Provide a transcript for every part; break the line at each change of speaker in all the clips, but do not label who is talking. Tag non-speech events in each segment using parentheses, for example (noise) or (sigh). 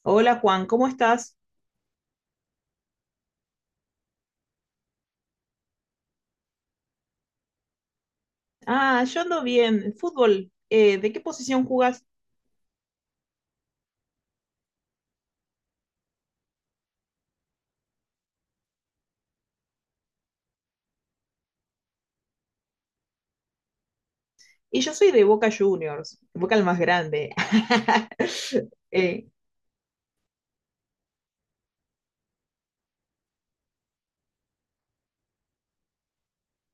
Hola Juan, ¿cómo estás? Ah, yo ando bien. Fútbol, ¿de qué posición jugas? Y yo soy de Boca Juniors, Boca el más grande. (laughs) Eh,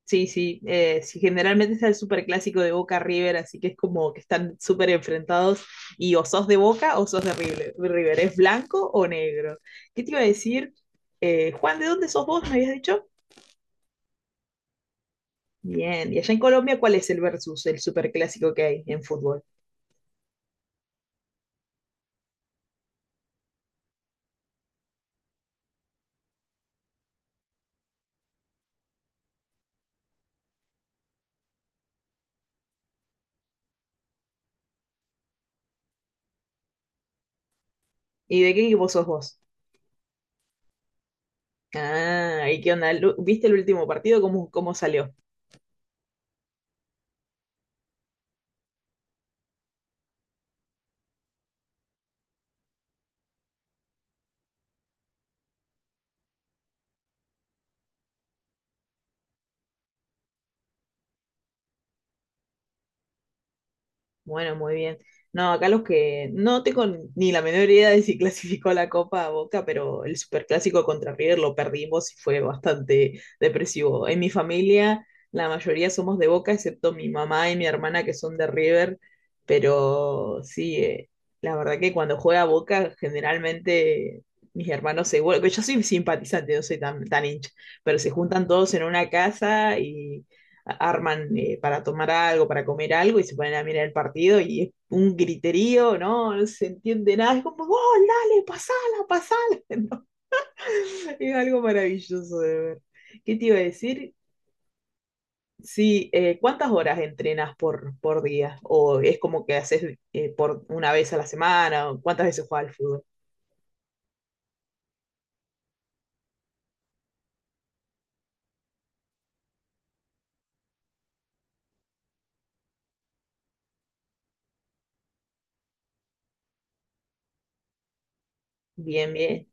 sí, sí, sí, generalmente está el superclásico de Boca River, así que es como que están súper enfrentados y o sos de Boca o sos de River. River, ¿es blanco o negro? ¿Qué te iba a decir? Juan, ¿de dónde sos vos? ¿Me habías dicho? Bien, y allá en Colombia, ¿cuál es el versus, el superclásico que hay en fútbol? ¿Y de qué equipo sos vos? Ah, ¿y qué onda? ¿Viste el último partido? ¿Cómo salió? Bueno, muy bien. No, acá los que no tengo ni la menor idea de si (laughs) clasificó la Copa a Boca, pero el Superclásico contra River lo perdimos y fue bastante depresivo. En mi familia, la mayoría somos de Boca, excepto mi mamá y mi hermana que son de River, pero sí, la verdad que cuando juega Boca, generalmente mis hermanos se vuelven, yo soy simpatizante, no soy tan, tan hincha, pero se juntan todos en una casa y arman para tomar algo, para comer algo y se ponen a mirar el partido y es un griterío, ¿no? No se entiende nada, es como, ¡oh, dale, pasala, pasala! (laughs) ¿no? Es algo maravilloso de ver. ¿Qué te iba a decir? Sí, ¿cuántas horas entrenas por día? ¿O es como que haces por una vez a la semana? ¿O cuántas veces juegas al fútbol? Bien, bien.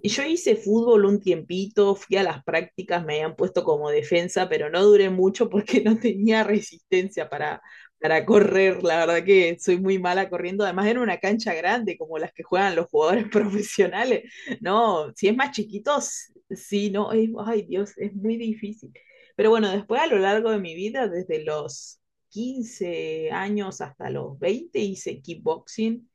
Y yo hice fútbol un tiempito, fui a las prácticas, me habían puesto como defensa, pero no duré mucho porque (laughs) no tenía resistencia para correr. La verdad que soy muy mala corriendo. Además era una cancha grande como las que juegan los jugadores (laughs) profesionales. No, si es más chiquitos, sí, no, ay Dios, es muy difícil. Pero bueno, después a lo largo de mi vida, desde los 15 años hasta los 20, hice kickboxing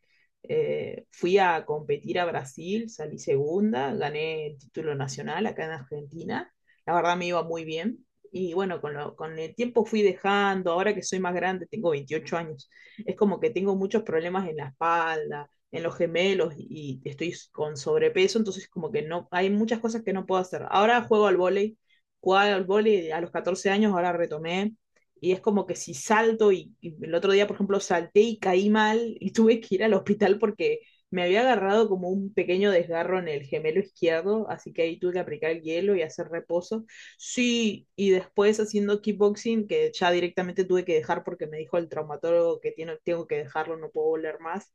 fui a competir a Brasil, salí segunda, gané el título nacional acá en Argentina. La verdad me iba muy bien. Y bueno, con el tiempo fui dejando, ahora que soy más grande, tengo 28 años, es como que tengo muchos problemas en la espalda, en los gemelos y estoy con sobrepeso, entonces como que no, hay muchas cosas que no puedo hacer. Ahora juego al vóley, jugaba al vóley a los 14 años, ahora retomé, y es como que si salto. El otro día, por ejemplo, salté y caí mal y tuve que ir al hospital porque me había agarrado como un pequeño desgarro en el gemelo izquierdo, así que ahí tuve que aplicar el hielo y hacer reposo. Sí, y después haciendo kickboxing, que ya directamente tuve que dejar porque me dijo el traumatólogo que tiene, tengo que dejarlo, no puedo volver más,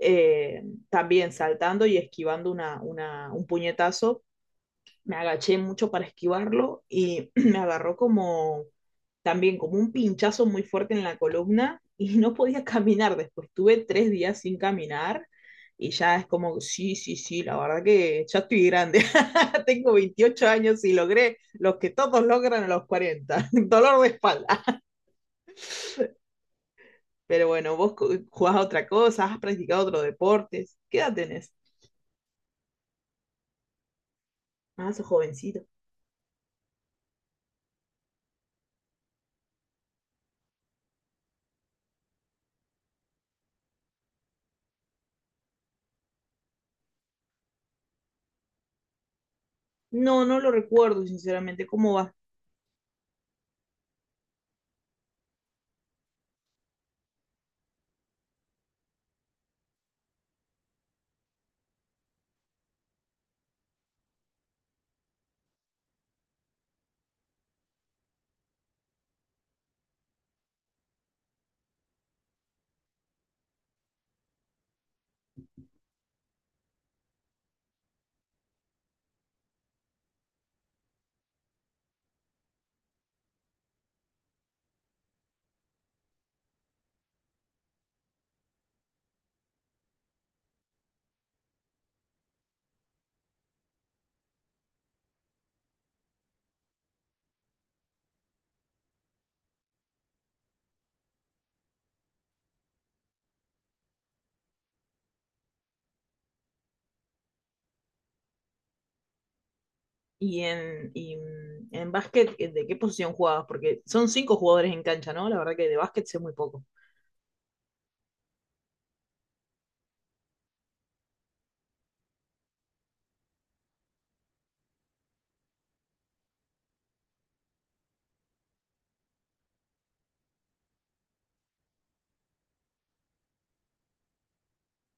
eh, también saltando y esquivando un puñetazo me agaché mucho para esquivarlo y (clears throat) me agarró como también como un pinchazo muy fuerte en la columna (laughs) y no podía caminar después. Tuve 3 días sin caminar y ya es como, sí, sí, sí, la verdad que ya estoy grande. (laughs) Tengo 28 años y logré los que todos logran a los 40 (laughs) dolor de espalda. Pero bueno, vos jugás a otra cosa, has practicado otro deporte. ¿Qué edad tenés? Ah, sos jovencito. No, no lo recuerdo, sinceramente, cómo va. En básquet, ¿de qué posición jugabas? Porque son cinco jugadores en cancha, ¿no? La verdad que de básquet sé muy poco.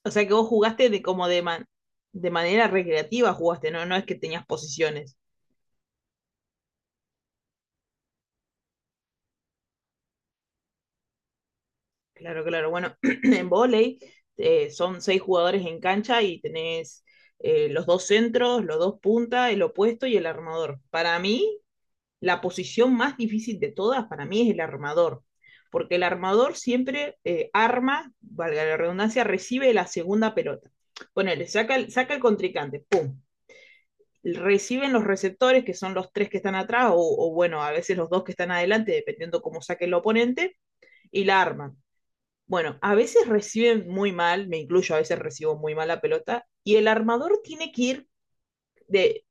O sea que vos jugaste de como de manera recreativa jugaste, ¿no? No es que tenías posiciones. Claro, claro. Bueno, (clears throat) en vóley son seis jugadores en cancha y tenés los dos centros, los dos puntas, el opuesto y el armador. Para mí, la posición más difícil de todas para mí es el armador, porque el armador siempre arma, valga la redundancia, recibe la segunda pelota. Ponele, saca el contrincante, ¡pum! Reciben los receptores, que son los tres que están atrás, o bueno, a veces los dos que están adelante, dependiendo cómo saque el oponente, y la arman. Bueno, a veces reciben muy mal, me incluyo, a veces recibo muy mal la pelota, y el armador tiene que ir de,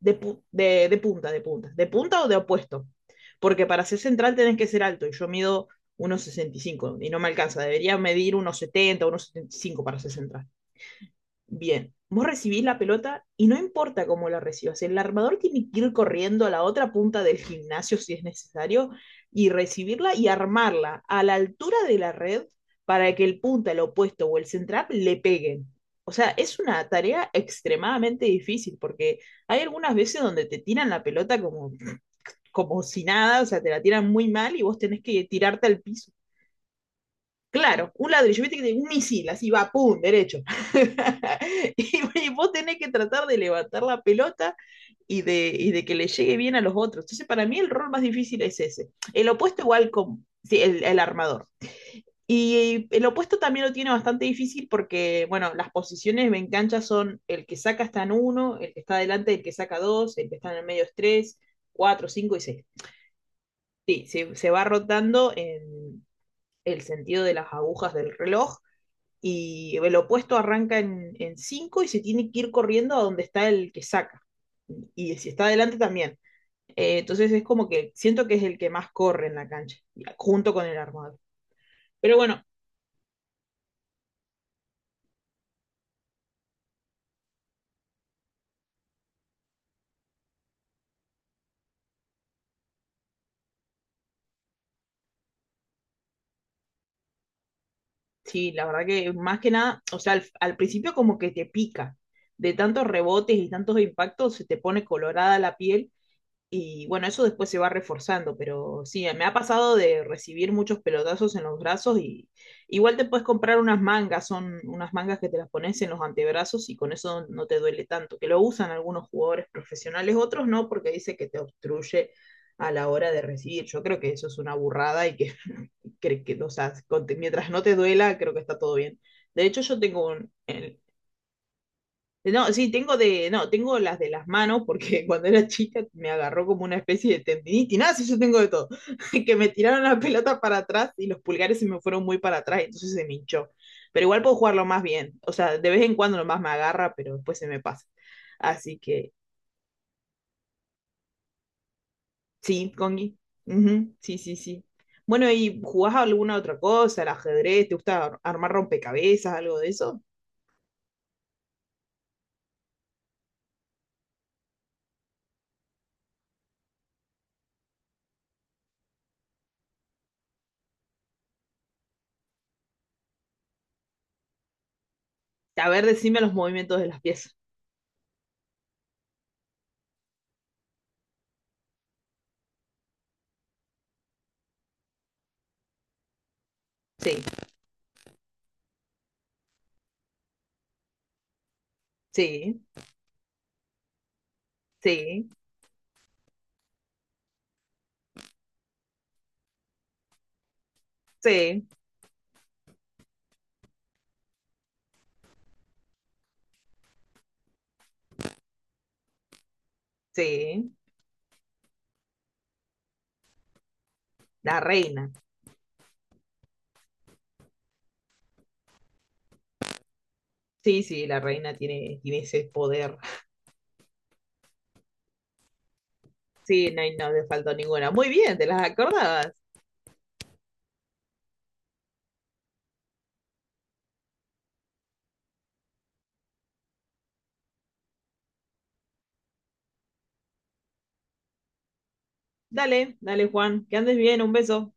de punta, o de opuesto. Porque para ser central tenés que ser alto y yo mido 1,65 y no me alcanza. Debería medir 1,70 1,75 para ser central. Bien, vos recibís la pelota y no importa cómo la recibas, el armador tiene que ir corriendo a la otra punta del gimnasio si es necesario y recibirla y armarla a la altura de la red para que el punta, el opuesto o el central le peguen. O sea, es una tarea extremadamente difícil porque hay algunas veces donde te tiran la pelota como si nada, o sea, te la tiran muy mal y vos tenés que tirarte al piso. Claro, un ladrillo, viste que tiene un misil, así va, pum, derecho. (laughs) Y vos tenés que tratar de levantar la pelota y de que le llegue bien a los otros. Entonces, para mí el rol más difícil es ese. El opuesto igual con sí, el armador. Y el opuesto también lo tiene bastante difícil porque, bueno, las posiciones en cancha son el que saca está en uno, el que está adelante, el que saca dos, el que está en el medio es tres, cuatro, cinco y seis. Sí, se va rotando en el sentido de las agujas del reloj y el opuesto arranca en cinco y se tiene que ir corriendo a donde está el que saca. Y si está adelante también. Entonces es como que siento que es el que más corre en la cancha, junto con el armado. Pero bueno, sí, la verdad que más que nada, o sea, al principio como que te pica, de tantos rebotes y tantos impactos se te pone colorada la piel. Y bueno, eso después se va reforzando, pero sí, me ha pasado de recibir muchos pelotazos en los brazos y igual te puedes comprar unas mangas, son unas mangas que te las pones en los antebrazos y con eso no te duele tanto, que lo usan algunos jugadores profesionales, otros no, porque dice que te obstruye a la hora de recibir. Yo creo que eso es una burrada y que, (laughs) creo que, o sea, mientras no te duela, creo que está todo bien. De hecho, yo tengo un, no, sí, tengo de, no, tengo las de las manos porque (laughs) cuando era chica me agarró como una especie de tendinitis, nada, sí, yo tengo de todo, (laughs) que me tiraron la pelota para atrás y los pulgares se me fueron muy para atrás, entonces se me hinchó. Pero igual puedo jugarlo más bien, o sea, de vez en cuando nomás me agarra, pero después se me pasa. Así que, sí, Congi, Ujú, sí, sí, sí. Bueno, ¿y jugás a alguna otra cosa? ¿El ajedrez? ¿Te gusta armar rompecabezas, algo de eso? A ver, decime los movimientos de las piezas. Sí, sí, sí, sí. Sí, la reina. Sí, sí, la reina tiene ese poder. Sí, no, no le faltó ninguna. Muy bien, te las acordabas. Dale, dale, Juan, que andes bien, un beso.